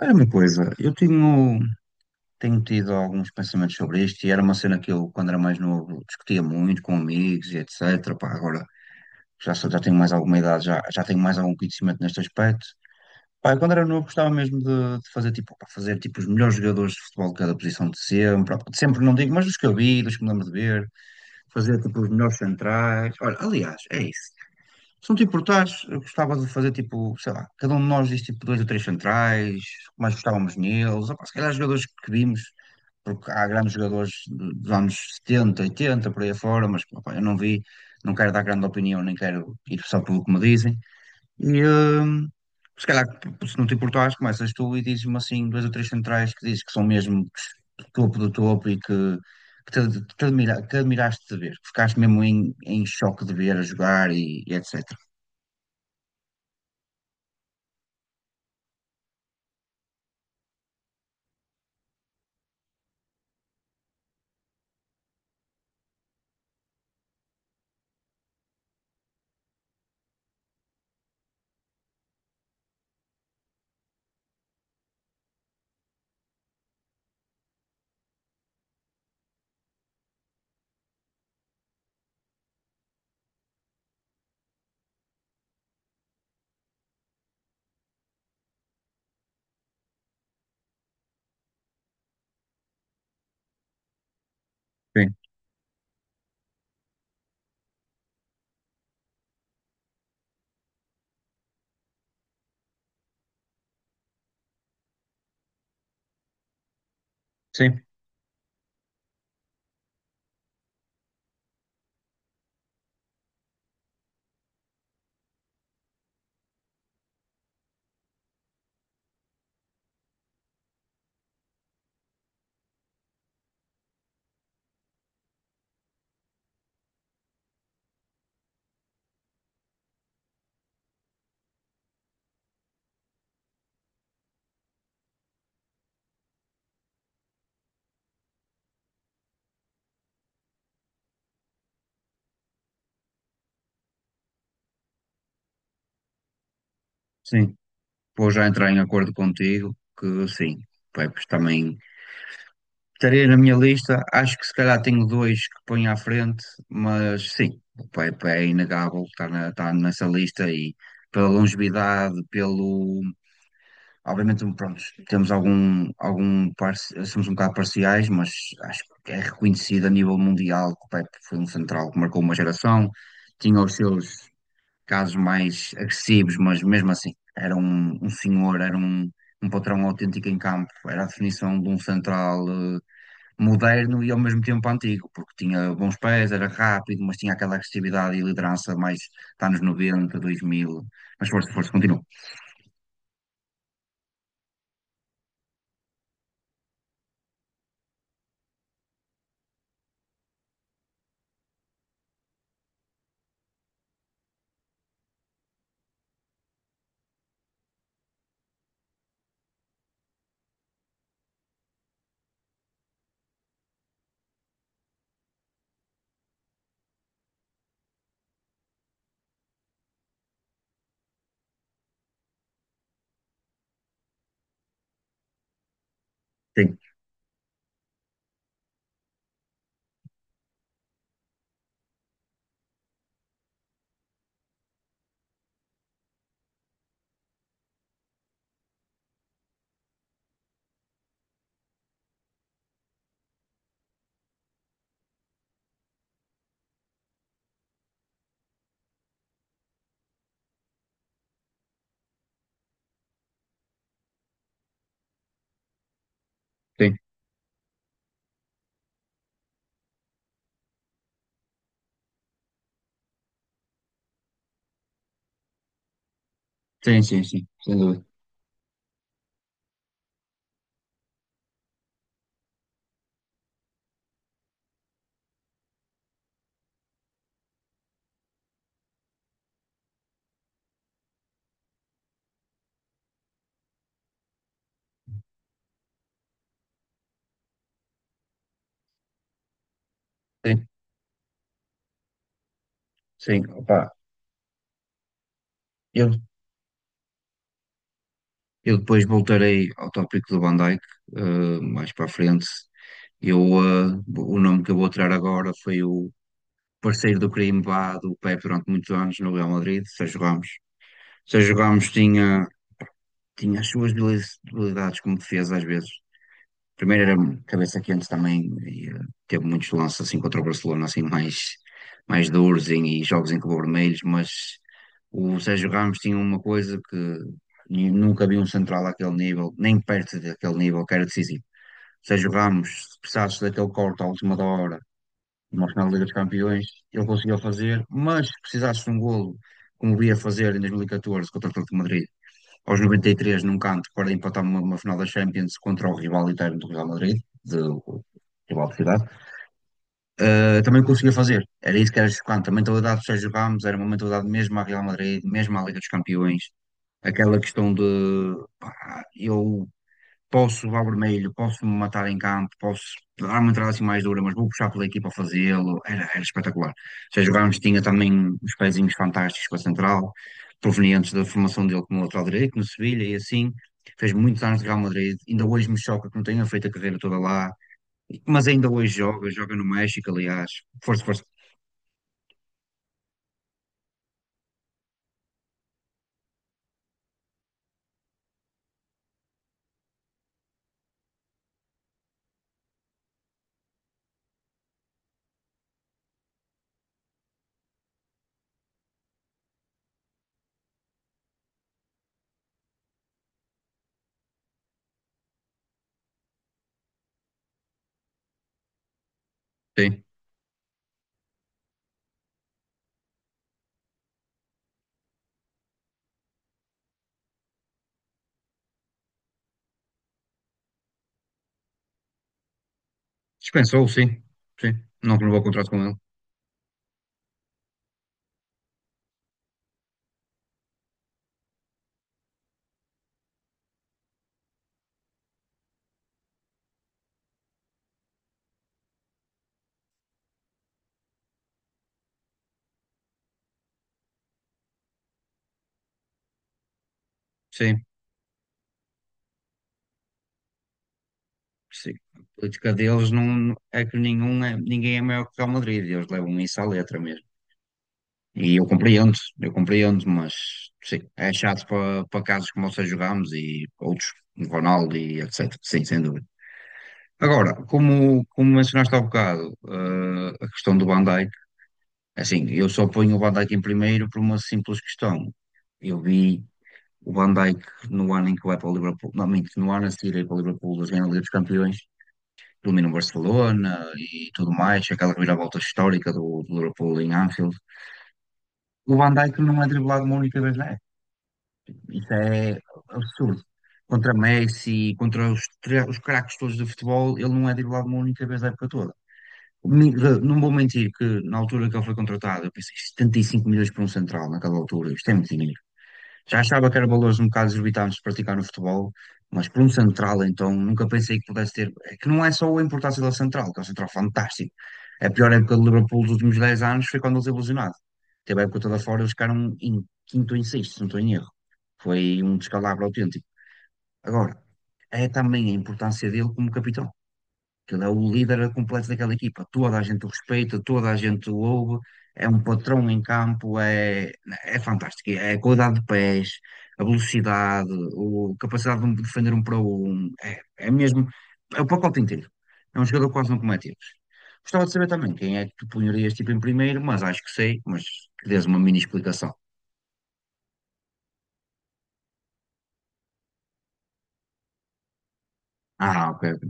Era uma coisa, eu tenho tido alguns pensamentos sobre isto e era uma cena que eu, quando era mais novo, discutia muito com amigos e etc. Pá, agora já tenho mais alguma idade, já tenho mais algum conhecimento neste aspecto. Pá, eu, quando era novo gostava mesmo de fazer, tipo, pá, fazer tipo, os melhores jogadores de futebol de cada posição de sempre não digo, mas dos que eu vi, dos que me lembro de ver, fazer tipo, os melhores centrais. Olha, aliás, é isso. Se não te importares, eu gostava de fazer tipo, sei lá, cada um de nós diz tipo dois ou três centrais, que mais gostávamos neles, opá, se calhar jogadores que vimos, porque há grandes jogadores dos anos 70, 80 por aí afora, mas opá, eu não vi, não quero dar grande opinião, nem quero ir só pelo que me dizem. E hum, se calhar, Se não te importares, começas tu e dizes-me assim dois ou três centrais que dizes que são mesmo topo do topo e que. Que admiraste de ver, que ficaste mesmo em choque de ver a jogar e etc. Sim, sim, sim. Vou já entrar em acordo contigo que sim, Pepe também estaria na minha lista. Acho que se calhar tenho dois que ponho à frente, mas sim, o Pepe é inegável, está nessa lista e pela longevidade, pelo. Obviamente, pronto, temos somos um bocado parciais, mas acho que é reconhecido a nível mundial que o Pepe foi um central que marcou uma geração, tinha os seus casos mais agressivos, mas mesmo assim, um senhor, um patrão autêntico em campo, era a definição de um central moderno e ao mesmo tempo antigo, porque tinha bons pés, era rápido, mas tinha aquela agressividade e liderança mais dos anos 90, 2000. Mas força, continua. Sim, sim, sim, sim, sim, sem dúvida. Sim, sim, opá. Eu, eu depois voltarei ao tópico do Van Dijk, mais para a frente. O nome que eu vou tirar agora foi o por sair do crimbá do Pepe durante muitos anos no Real Madrid, Sérgio Ramos. Sérgio Ramos tinha as suas habilidades como defesa às vezes. Primeiro era cabeça quente também e teve muitos lances assim contra o Barcelona mais duros e jogos em que levou vermelhos, mas o Sérgio Ramos tinha uma coisa que nunca vi um central àquele nível, nem perto daquele nível, que era decisivo. Sérgio Ramos, se precisasse daquele corte à última hora uma final da Liga dos Campeões, ele conseguiu fazer, mas se precisasse de um golo, como o ia fazer em 2014 contra o Atlético de Madrid, aos 93 num canto para empatar uma final da Champions contra o rival interno do Real Madrid, o rival de cidade, também conseguia fazer. Era isso que era chocante. A mentalidade do Sérgio Ramos era uma mentalidade mesmo à Real Madrid, mesmo à Liga dos Campeões. Aquela questão de pá, eu posso levar vermelho, posso me matar em campo, posso dar uma entrada assim mais dura, mas vou puxar pela equipa a fazê-lo. Era espetacular. Já jogámos, tinha também os pezinhos fantásticos para a central, provenientes da formação dele como lateral direito no Sevilha e assim. Fez muitos anos de Real Madrid, ainda hoje me choca que não tenha feito a carreira toda lá, mas ainda hoje joga, joga no México, aliás. Força, força. Sim. Dispensou, sim. Sim. Não renovou o contrato com ele. Sim. Sim. A política deles não é que ninguém é maior que o Real Madrid, eles levam isso à letra mesmo. Eu compreendo, mas sim, é chato para casos como o Sérgio Ramos e outros, o Ronaldo e etc. Sim, sem dúvida. Agora, como mencionaste há bocado, a questão do Van Dijk, é assim, eu só ponho o Van Dijk em primeiro por uma simples questão. Eu vi o Van Dijk no ano em que vai para o Liverpool, não, minto, no ano a seguir a ir para o Liverpool, das Liga dos Campeões, domina o Barcelona e tudo mais, aquela reviravolta histórica do Liverpool em Anfield. O Van Dijk não é driblado uma única vez na época. Isso é absurdo. Contra Messi, contra os craques todos do futebol, ele não é driblado uma única vez na época toda. Não vou mentir que na altura que ele foi contratado, eu pensei 75 milhões por um central naquela altura, isto é muito dinheiro. Já achava que eram valores um bocado exorbitantes de praticar no futebol, mas por um central, então, nunca pensei que pudesse ter. É que não é só a importância da central, que é um central fantástico. A pior época do Liverpool dos últimos 10 anos foi quando eles ilusionaram. Teve a época toda fora, eles ficaram em quinto ou em sexto, se não estou em erro. Foi um descalabro autêntico. Agora, é também a importância dele como capitão que ele é o líder é completo daquela equipa. Toda a gente o respeita, toda a gente o ouve, é um patrão em campo, é fantástico. É a qualidade de pés, a velocidade, a capacidade de defender um para um, é mesmo, é o pacote inteiro. É um jogador que quase não comete erros. Gostava de saber também quem é que tu punharias tipo em primeiro, mas acho que sei, mas que dês uma mini explicação. Ah, ok, ok.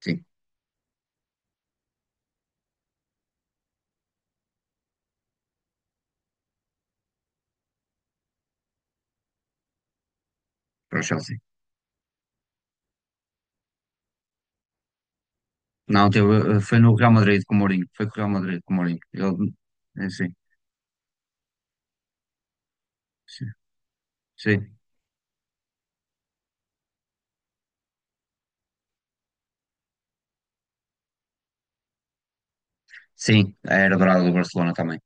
Sim, para o Chelsea. Não, teve, foi no Real Madrid com o Mourinho, foi com o Real Madrid com o Mourinho. Sim, sim, sim. Sim, a era dourada do Barcelona também.